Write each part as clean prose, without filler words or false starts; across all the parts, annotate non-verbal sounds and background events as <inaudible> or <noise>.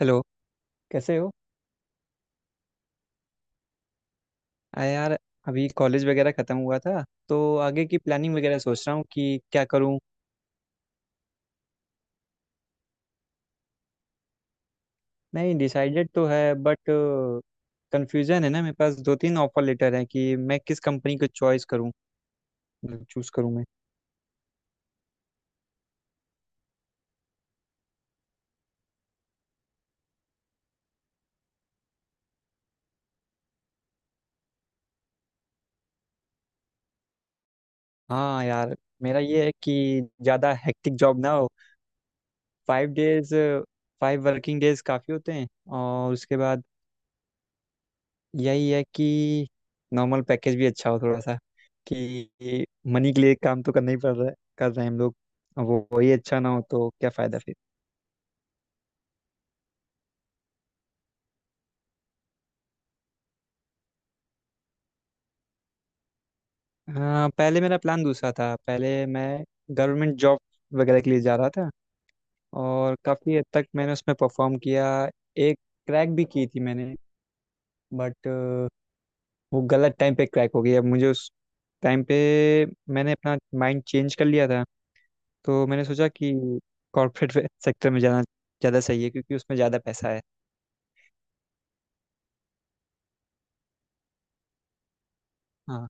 Hello. कैसे हो? आ यार, अभी कॉलेज वगैरह ख़त्म हुआ था तो आगे की प्लानिंग वगैरह सोच रहा हूँ कि क्या करूँ। नहीं, डिसाइडेड तो है बट कंफ्यूजन है ना। मेरे पास दो तीन ऑफर लेटर हैं कि मैं किस कंपनी को चॉइस करूँ, मतलब चूज़ करूँ मैं। हाँ यार, मेरा ये है कि ज़्यादा हेक्टिक जॉब ना हो। 5 डेज, 5 वर्किंग डेज काफ़ी होते हैं। और उसके बाद यही है कि नॉर्मल पैकेज भी अच्छा हो थोड़ा सा कि मनी के लिए काम तो करना ही पड़ रहा है, कर रहे हैं हम लोग। अब वो वही अच्छा ना हो तो क्या फ़ायदा फिर। हाँ, पहले मेरा प्लान दूसरा था। पहले मैं गवर्नमेंट जॉब वगैरह के लिए जा रहा था और काफ़ी हद तक मैंने उसमें परफॉर्म किया। एक क्रैक भी की थी मैंने बट वो गलत टाइम पे क्रैक हो गई। अब मुझे उस टाइम पे मैंने अपना माइंड चेंज कर लिया था। तो मैंने सोचा कि कॉर्पोरेट सेक्टर में जाना ज़्यादा सही है क्योंकि उसमें ज़्यादा पैसा है। हाँ।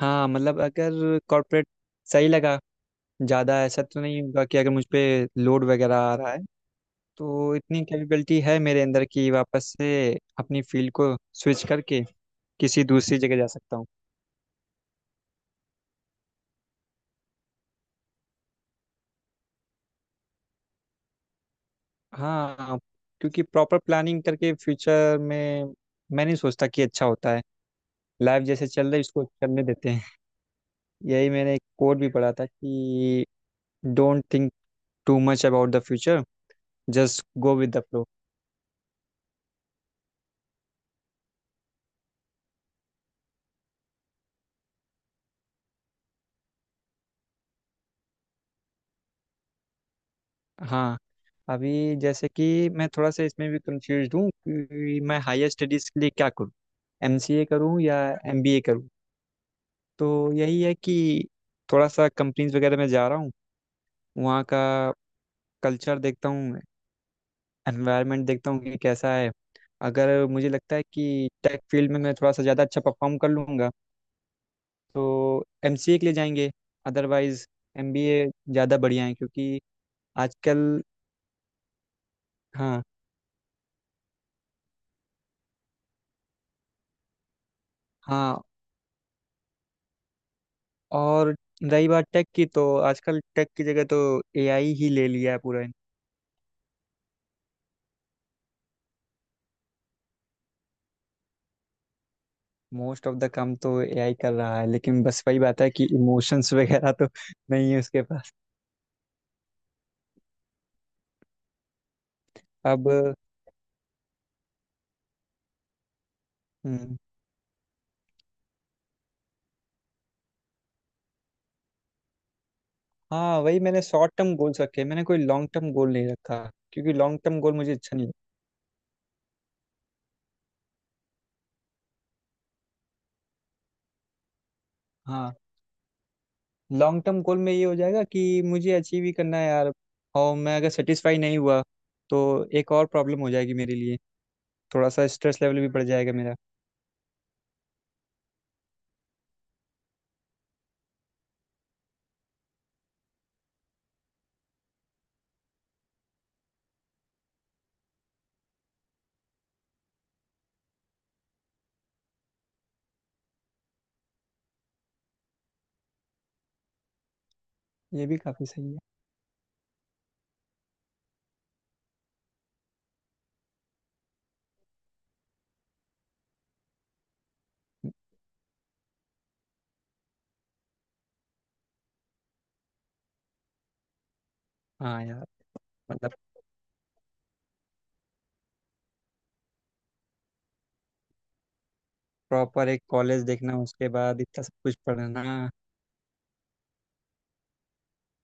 हाँ, मतलब अगर कॉर्पोरेट सही लगा, ज़्यादा ऐसा तो नहीं होगा कि अगर मुझ पे लोड वगैरह आ रहा है तो इतनी कैपेबिलिटी है मेरे अंदर कि वापस से अपनी फील्ड को स्विच करके किसी दूसरी जगह जा सकता हूँ। हाँ, क्योंकि प्रॉपर प्लानिंग करके फ्यूचर में मैं नहीं सोचता कि अच्छा होता है। लाइफ जैसे चल रही है इसको चलने देते हैं। यही, मैंने एक कोट भी पढ़ा था कि don't think too much about the future, just go with the flow. हाँ। अभी जैसे कि मैं थोड़ा सा इसमें भी कंफ्यूज हूँ कि मैं हायर स्टडीज़ के लिए क्या करूँ, एमसीए करूँ या एमबीए करूँ। तो यही है कि थोड़ा सा कंपनीज वगैरह में जा रहा हूँ, वहाँ का कल्चर देखता हूँ, एनवायरनमेंट देखता हूँ कि कैसा है। अगर मुझे लगता है कि टेक फील्ड में मैं थोड़ा सा ज़्यादा अच्छा परफॉर्म कर लूँगा तो एमसीए के लिए जाएंगे, अदरवाइज एमबीए ज़्यादा बढ़िया है, क्योंकि आजकल। हाँ। हाँ। और रही बात टेक की तो आजकल टेक की जगह तो एआई ही ले लिया है पूरा। मोस्ट ऑफ द काम तो एआई कर रहा है लेकिन बस वही बात है कि इमोशंस <laughs> वगैरह तो नहीं है उसके पास। अब। हम्म, हाँ, वही मैंने शॉर्ट टर्म गोल्स रखे हैं। मैंने कोई लॉन्ग टर्म गोल नहीं रखा क्योंकि लॉन्ग टर्म गोल मुझे अच्छा नहीं लगता। हाँ, लॉन्ग टर्म गोल में ये हो जाएगा कि मुझे अचीव ही करना है यार। और मैं अगर सेटिस्फाई नहीं हुआ तो एक और प्रॉब्लम हो जाएगी मेरे लिए, थोड़ा सा स्ट्रेस लेवल भी बढ़ जाएगा मेरा। ये भी काफ़ी सही है। हाँ यार, मतलब प्रॉपर एक कॉलेज देखना, उसके बाद इतना सब कुछ पढ़ना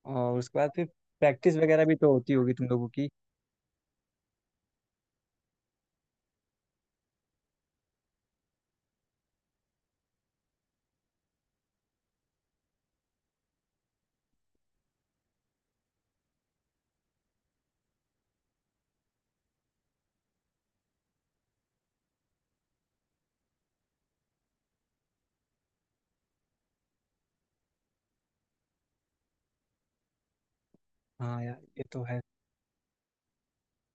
और उसके बाद फिर प्रैक्टिस वगैरह भी तो होती होगी तुम लोगों की। हाँ यार ये तो है,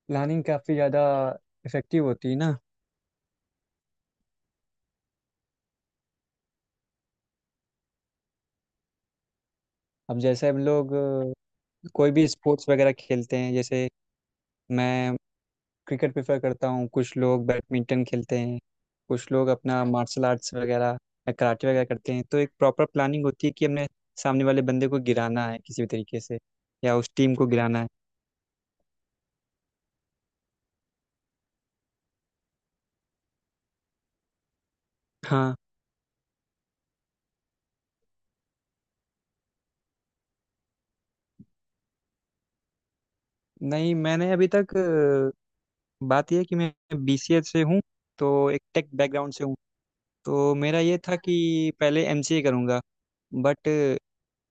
प्लानिंग काफ़ी ज़्यादा इफेक्टिव होती है ना। अब जैसे हम लोग कोई भी स्पोर्ट्स वगैरह खेलते हैं। जैसे मैं क्रिकेट प्रेफर करता हूँ, कुछ लोग बैडमिंटन खेलते हैं, कुछ लोग अपना मार्शल आर्ट्स वगैरह या कराटे वगैरह करते हैं, तो एक प्रॉपर प्लानिंग होती है कि हमने सामने वाले बंदे को गिराना है किसी भी तरीके से या उस टीम को गिराना है। हाँ। नहीं, मैंने अभी तक बात यह है कि मैं बीसीए से हूँ, तो एक टेक बैकग्राउंड से हूँ। तो मेरा ये था कि पहले एमसीए करूँगा बट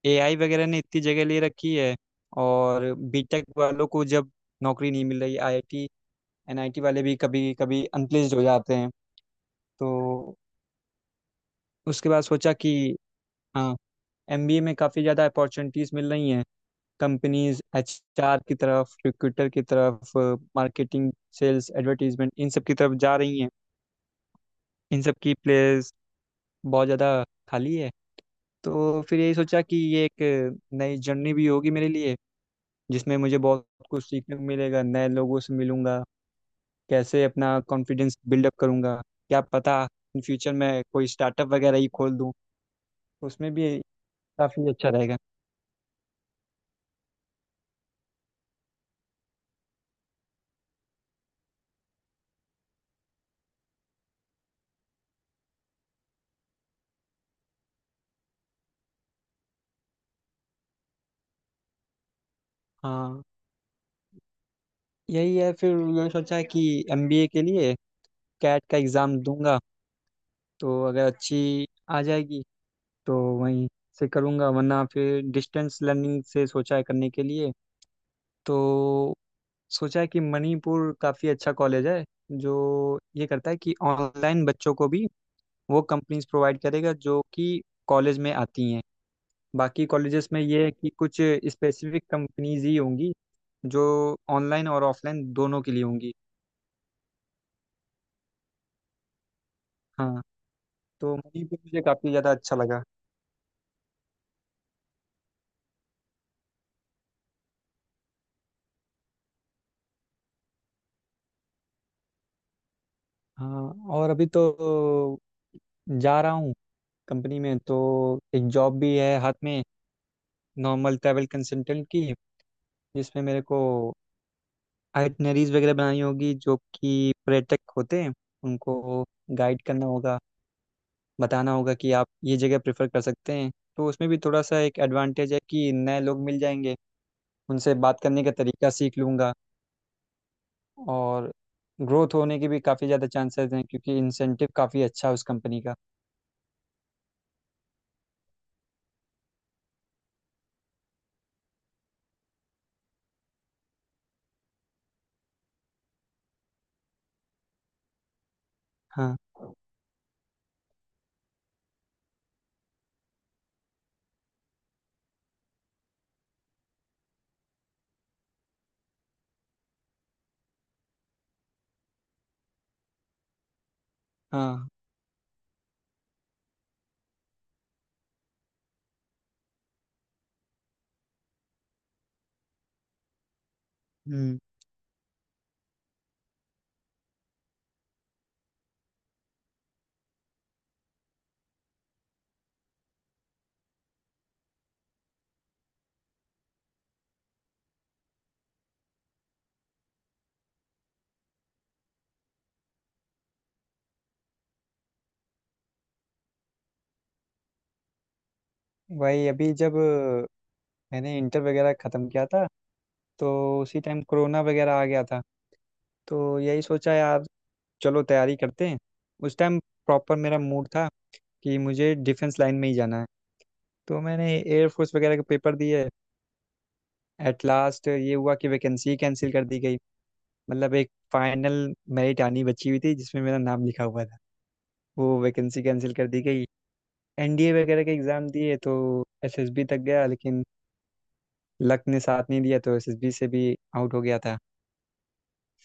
एआई वगैरह ने इतनी जगह ले रखी है। और बीटेक वालों को जब नौकरी नहीं मिल रही, आईआईटी एनआईटी वाले भी कभी कभी अनप्लेस्ड हो जाते हैं। तो उसके बाद सोचा कि हाँ, एमबीए में काफ़ी ज़्यादा अपॉर्चुनिटीज़ मिल रही हैं, कंपनीज एचआर की तरफ, रिक्रूटर की तरफ, मार्केटिंग, सेल्स, एडवर्टीजमेंट, इन सब की तरफ जा रही हैं। इन सब की प्लेस बहुत ज़्यादा खाली है। तो फिर यही सोचा कि ये एक नई जर्नी भी होगी मेरे लिए, जिसमें मुझे बहुत कुछ सीखने को मिलेगा, नए लोगों से मिलूंगा, कैसे अपना कॉन्फिडेंस बिल्डअप करूंगा। क्या पता इन फ्यूचर में कोई स्टार्टअप वगैरह ही खोल दूं, उसमें भी काफ़ी अच्छा रहेगा। हाँ, यही है फिर ये सोचा कि एमबीए के लिए कैट का एग्ज़ाम दूंगा, तो अगर अच्छी आ जाएगी तो वहीं से करूंगा, वरना फिर डिस्टेंस लर्निंग से सोचा है करने के लिए। तो सोचा कि मणिपुर काफ़ी अच्छा कॉलेज है, जो ये करता है कि ऑनलाइन बच्चों को भी वो कंपनीज प्रोवाइड करेगा जो कि कॉलेज में आती हैं। बाकी कॉलेजेस में ये है कि कुछ स्पेसिफिक कंपनीज ही होंगी जो ऑनलाइन और ऑफलाइन दोनों के लिए होंगी। हाँ, तो मणिपुर मुझे काफ़ी ज़्यादा अच्छा लगा। हाँ, और अभी तो जा रहा हूँ कंपनी में, तो एक जॉब भी है हाथ में, नॉर्मल ट्रैवल कंसल्टेंट की, जिसमें मेरे को आइटनरीज वगैरह बनानी होगी, जो कि पर्यटक होते हैं उनको गाइड करना होगा, बताना होगा कि आप ये जगह प्रेफर कर सकते हैं। तो उसमें भी थोड़ा सा एक एडवांटेज है कि नए लोग मिल जाएंगे, उनसे बात करने का तरीका सीख लूँगा। और ग्रोथ होने के भी काफ़ी ज़्यादा चांसेस हैं क्योंकि इंसेंटिव काफ़ी अच्छा है उस कंपनी का। हाँ। हाँ। हम्म। वही, अभी जब मैंने इंटर वगैरह ख़त्म किया था तो उसी टाइम कोरोना वगैरह आ गया था, तो यही सोचा यार, चलो तैयारी करते हैं। उस टाइम प्रॉपर मेरा मूड था कि मुझे डिफेंस लाइन में ही जाना है। तो मैंने एयरफोर्स वगैरह के पेपर दिए। एट लास्ट ये हुआ कि वैकेंसी कैंसिल कर दी गई। मतलब एक फाइनल मेरिट आनी बची हुई थी जिसमें मेरा नाम लिखा हुआ था, वो वैकेंसी कैंसिल कर दी गई। एनडीए वगैरह के एग्ज़ाम दिए तो एसएसबी तक गया, लेकिन लक ने साथ नहीं दिया तो एसएसबी से भी आउट हो गया था।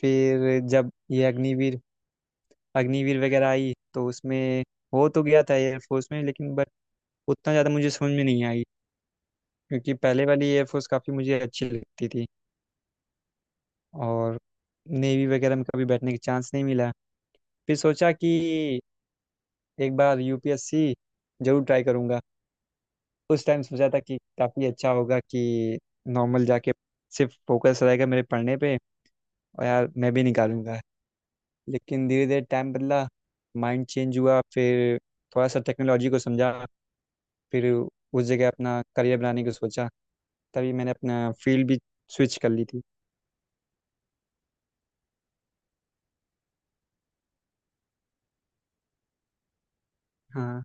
फिर जब ये अग्निवीर अग्निवीर वगैरह आई तो उसमें हो तो गया था एयरफोर्स में, लेकिन उतना ज़्यादा मुझे समझ में नहीं आई, क्योंकि पहले वाली एयरफोर्स काफ़ी मुझे अच्छी लगती थी। और नेवी वगैरह में कभी बैठने का चांस नहीं मिला। फिर सोचा कि एक बार यूपीएससी जरूर ट्राई करूँगा। उस टाइम सोचा था कि काफ़ी अच्छा होगा कि नॉर्मल जाके सिर्फ फोकस रहेगा मेरे पढ़ने पे और यार मैं भी निकालूंगा। लेकिन धीरे धीरे टाइम बदला, माइंड चेंज हुआ। फिर थोड़ा सा टेक्नोलॉजी को समझा, फिर उस जगह अपना करियर बनाने को सोचा, तभी मैंने अपना फील्ड भी स्विच कर ली थी। हाँ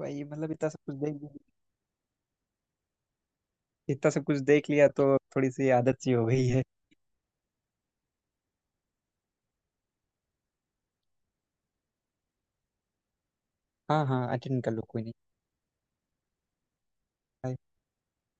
भाई, मतलब इतना सब कुछ देख लिया तो थोड़ी सी आदत सी हो गई है। हाँ हाँ, अटेंड कर लो, कोई नहीं।